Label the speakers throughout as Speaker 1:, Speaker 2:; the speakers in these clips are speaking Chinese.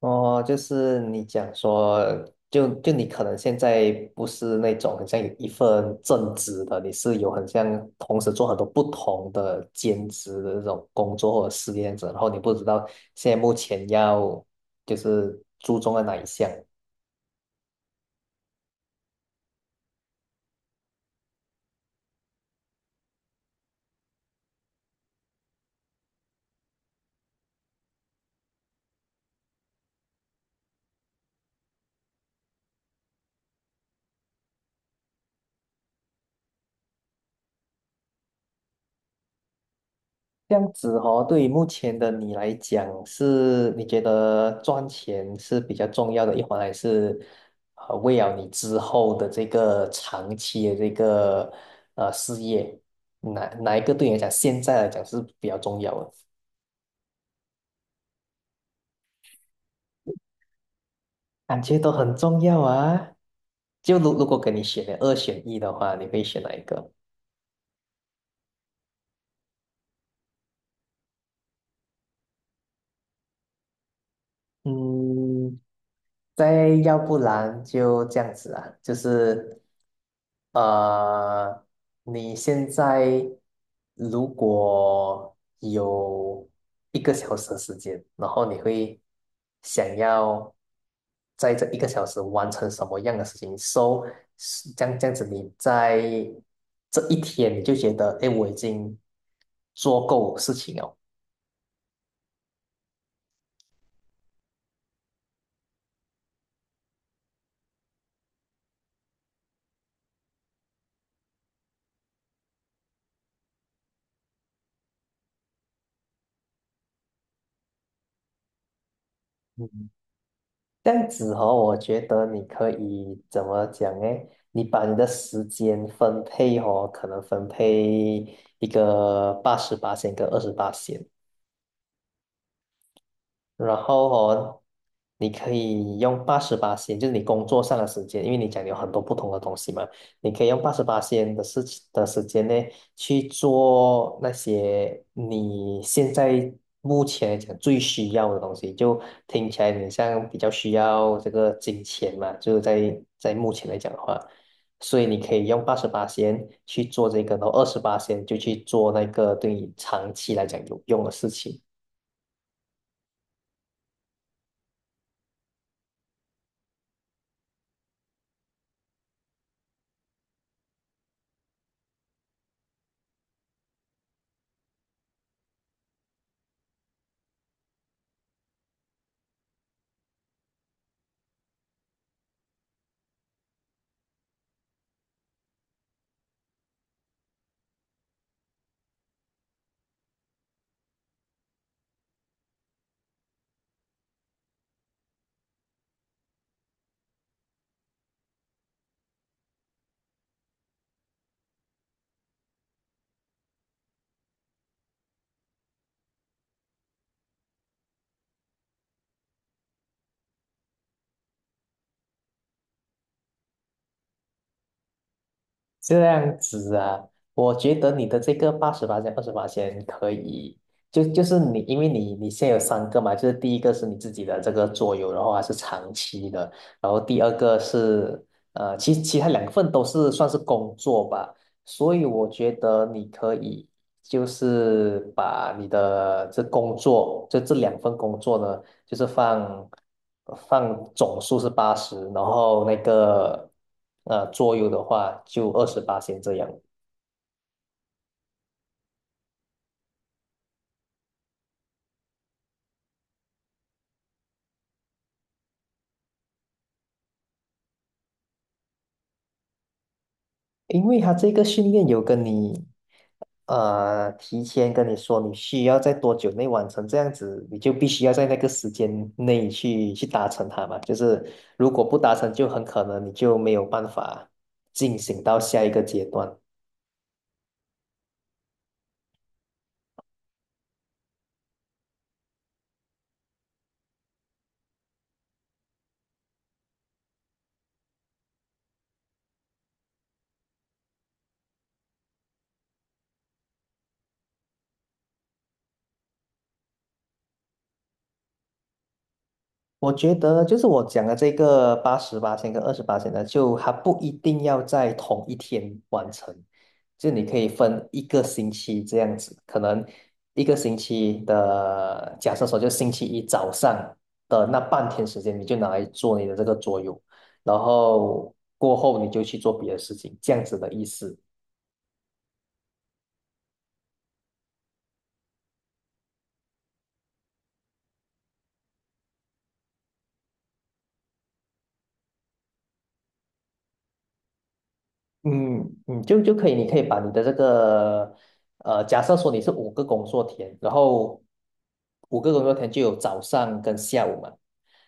Speaker 1: 哦，就是你讲说，就你可能现在不是那种很像有一份正职的，你是有很像同时做很多不同的兼职的这种工作或者事业这样子，然后你不知道现在目前要就是注重在哪一项。这样子哦，对于目前的你来讲，是你觉得赚钱是比较重要的一环，还是为了你之后的这个长期的这个事业，哪一个对你来讲，现在来讲是比较重要的？感觉都很重要啊。就如果给你选的二选一的话，你会选哪一个？嗯，再要不然就这样子啊，就是呃，你现在如果有一个小时的时间，然后你会想要在这一个小时完成什么样的事情？So，是这样子，你在这一天你就觉得，哎，我已经做够事情了。嗯这样子哦，我觉得你可以怎么讲呢？你把你的时间分配哦，可能分配一个八十八线跟二十八线。然后哦，你可以用八十八仙，就是你工作上的时间，因为你讲你有很多不同的东西嘛，你可以用八十八仙的事情的时间呢，去做那些你现在目前来讲最需要的东西。就听起来你像比较需要这个金钱嘛，就是在目前来讲的话，所以你可以用八十八仙去做这个，然后二十八仙就去做那个对你长期来讲有用的事情。这样子啊，我觉得你的这个八十八千、二十八千可以，就是你，因为你现在有三个嘛，就是第一个是你自己的这个桌游，然后还是长期的，然后第二个是其他两份都是算是工作吧，所以我觉得你可以就是把你的这工作，就这两份工作呢。就是放总数是八十，然后那个桌游的话就二十八先这样。因为他这个训练有跟你提前跟你说你需要在多久内完成，这样子你就必须要在那个时间内去达成它嘛。就是如果不达成，就很可能你就没有办法进行到下一个阶段。我觉得就是我讲的这个八十八千跟二十八千呢，就它不一定要在同一天完成，就你可以分一个星期这样子，可能一个星期的，假设说就星期一早上的那半天时间，你就拿来做你的这个桌游，然后过后你就去做别的事情，这样子的意思。嗯嗯，就可以，你可以把你的这个，假设说你是五个工作天，然后五个工作天就有早上跟下午嘛，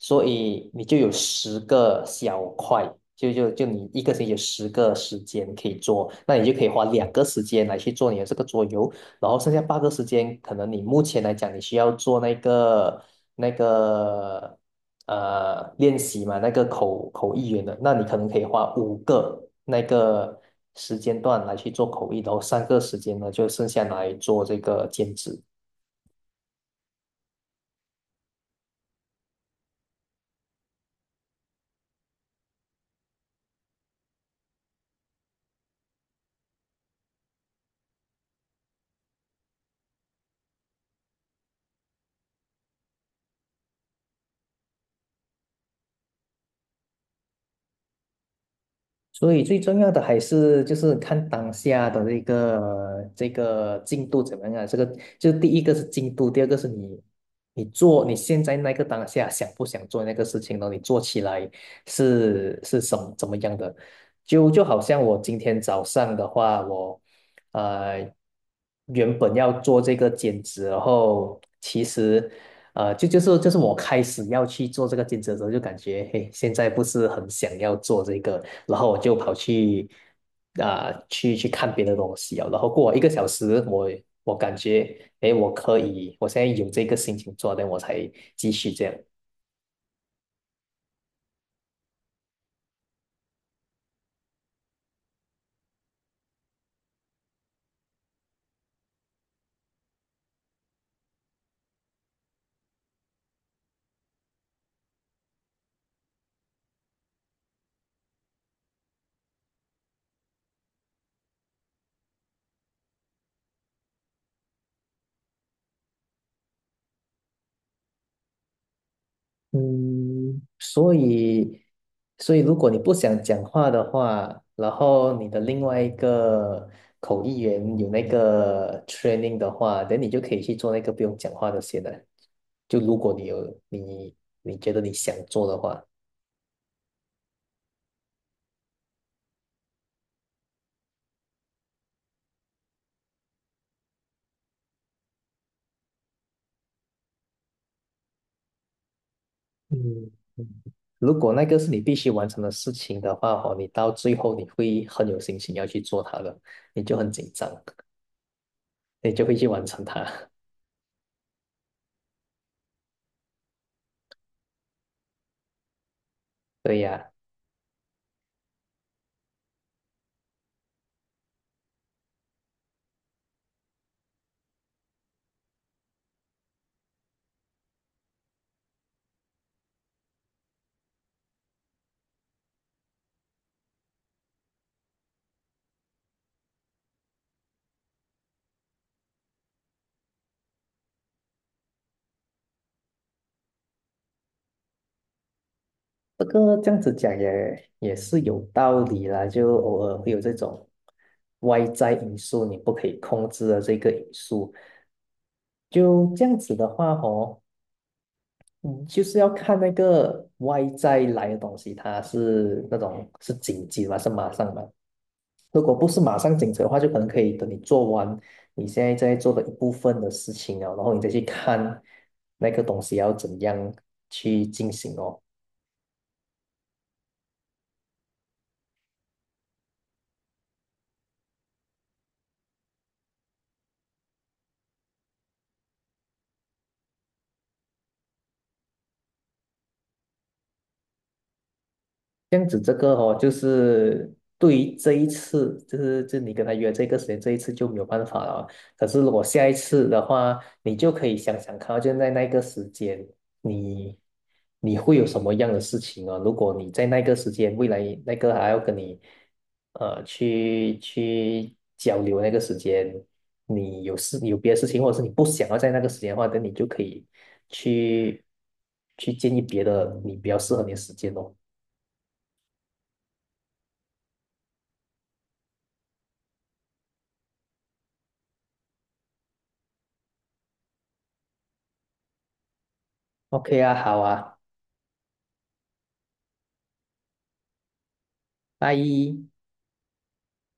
Speaker 1: 所以你就有10个小块，就你一个星期有10个时间可以做，那你就可以花2个时间来去做你的这个桌游，然后剩下8个时间，可能你目前来讲，你需要做那个那个练习嘛，那个口译员的，那你可能可以花5个那个时间段来去做口译，然后3个时间呢就剩下来做这个兼职。所以最重要的还是就是看当下的这个进度怎么样啊？这个就第一个是进度，第二个是你做你现在那个当下想不想做那个事情呢？你做起来是什么怎么样的？就好像我今天早上的话，我呃原本要做这个兼职，然后其实就是我开始要去做这个兼职的时候，就感觉嘿现在不是很想要做这个，然后我就跑去啊、去看别的东西啊，然后过了一个小时，我感觉诶我可以，我现在有这个心情做，那我才继续这样。嗯，所以，所以如果你不想讲话的话，然后你的另外一个口译员有那个 training 的话，等你就可以去做那个不用讲话的先了。就如果你有你觉得你想做的话，嗯，如果那个是你必须完成的事情的话，哦，你到最后你会很有信心要去做它的，你就很紧张，你就会去完成它。对呀。这个这样子讲也是有道理啦，就偶尔会有这种外在因素你不可以控制的这个因素。就这样子的话哦，嗯，就是要看那个外在来的东西，它是那种是紧急吗？是马上吗？如果不是马上紧急的话，就可能可以等你做完你现在在做的一部分的事情啊，然后你再去看那个东西要怎样去进行哦。这样子，这个哦，就是对于这一次，就是就你跟他约这个时间，这一次就没有办法了。可是如果下一次的话，你就可以想想看哦，就在那个时间，你你会有什么样的事情啊？如果你在那个时间，未来那个还要跟你去交流那个时间，你有事你有别的事情，或者是你不想要在那个时间的话，那你就可以去建议别的你比较适合你的时间哦。OK 啊，好啊，拜。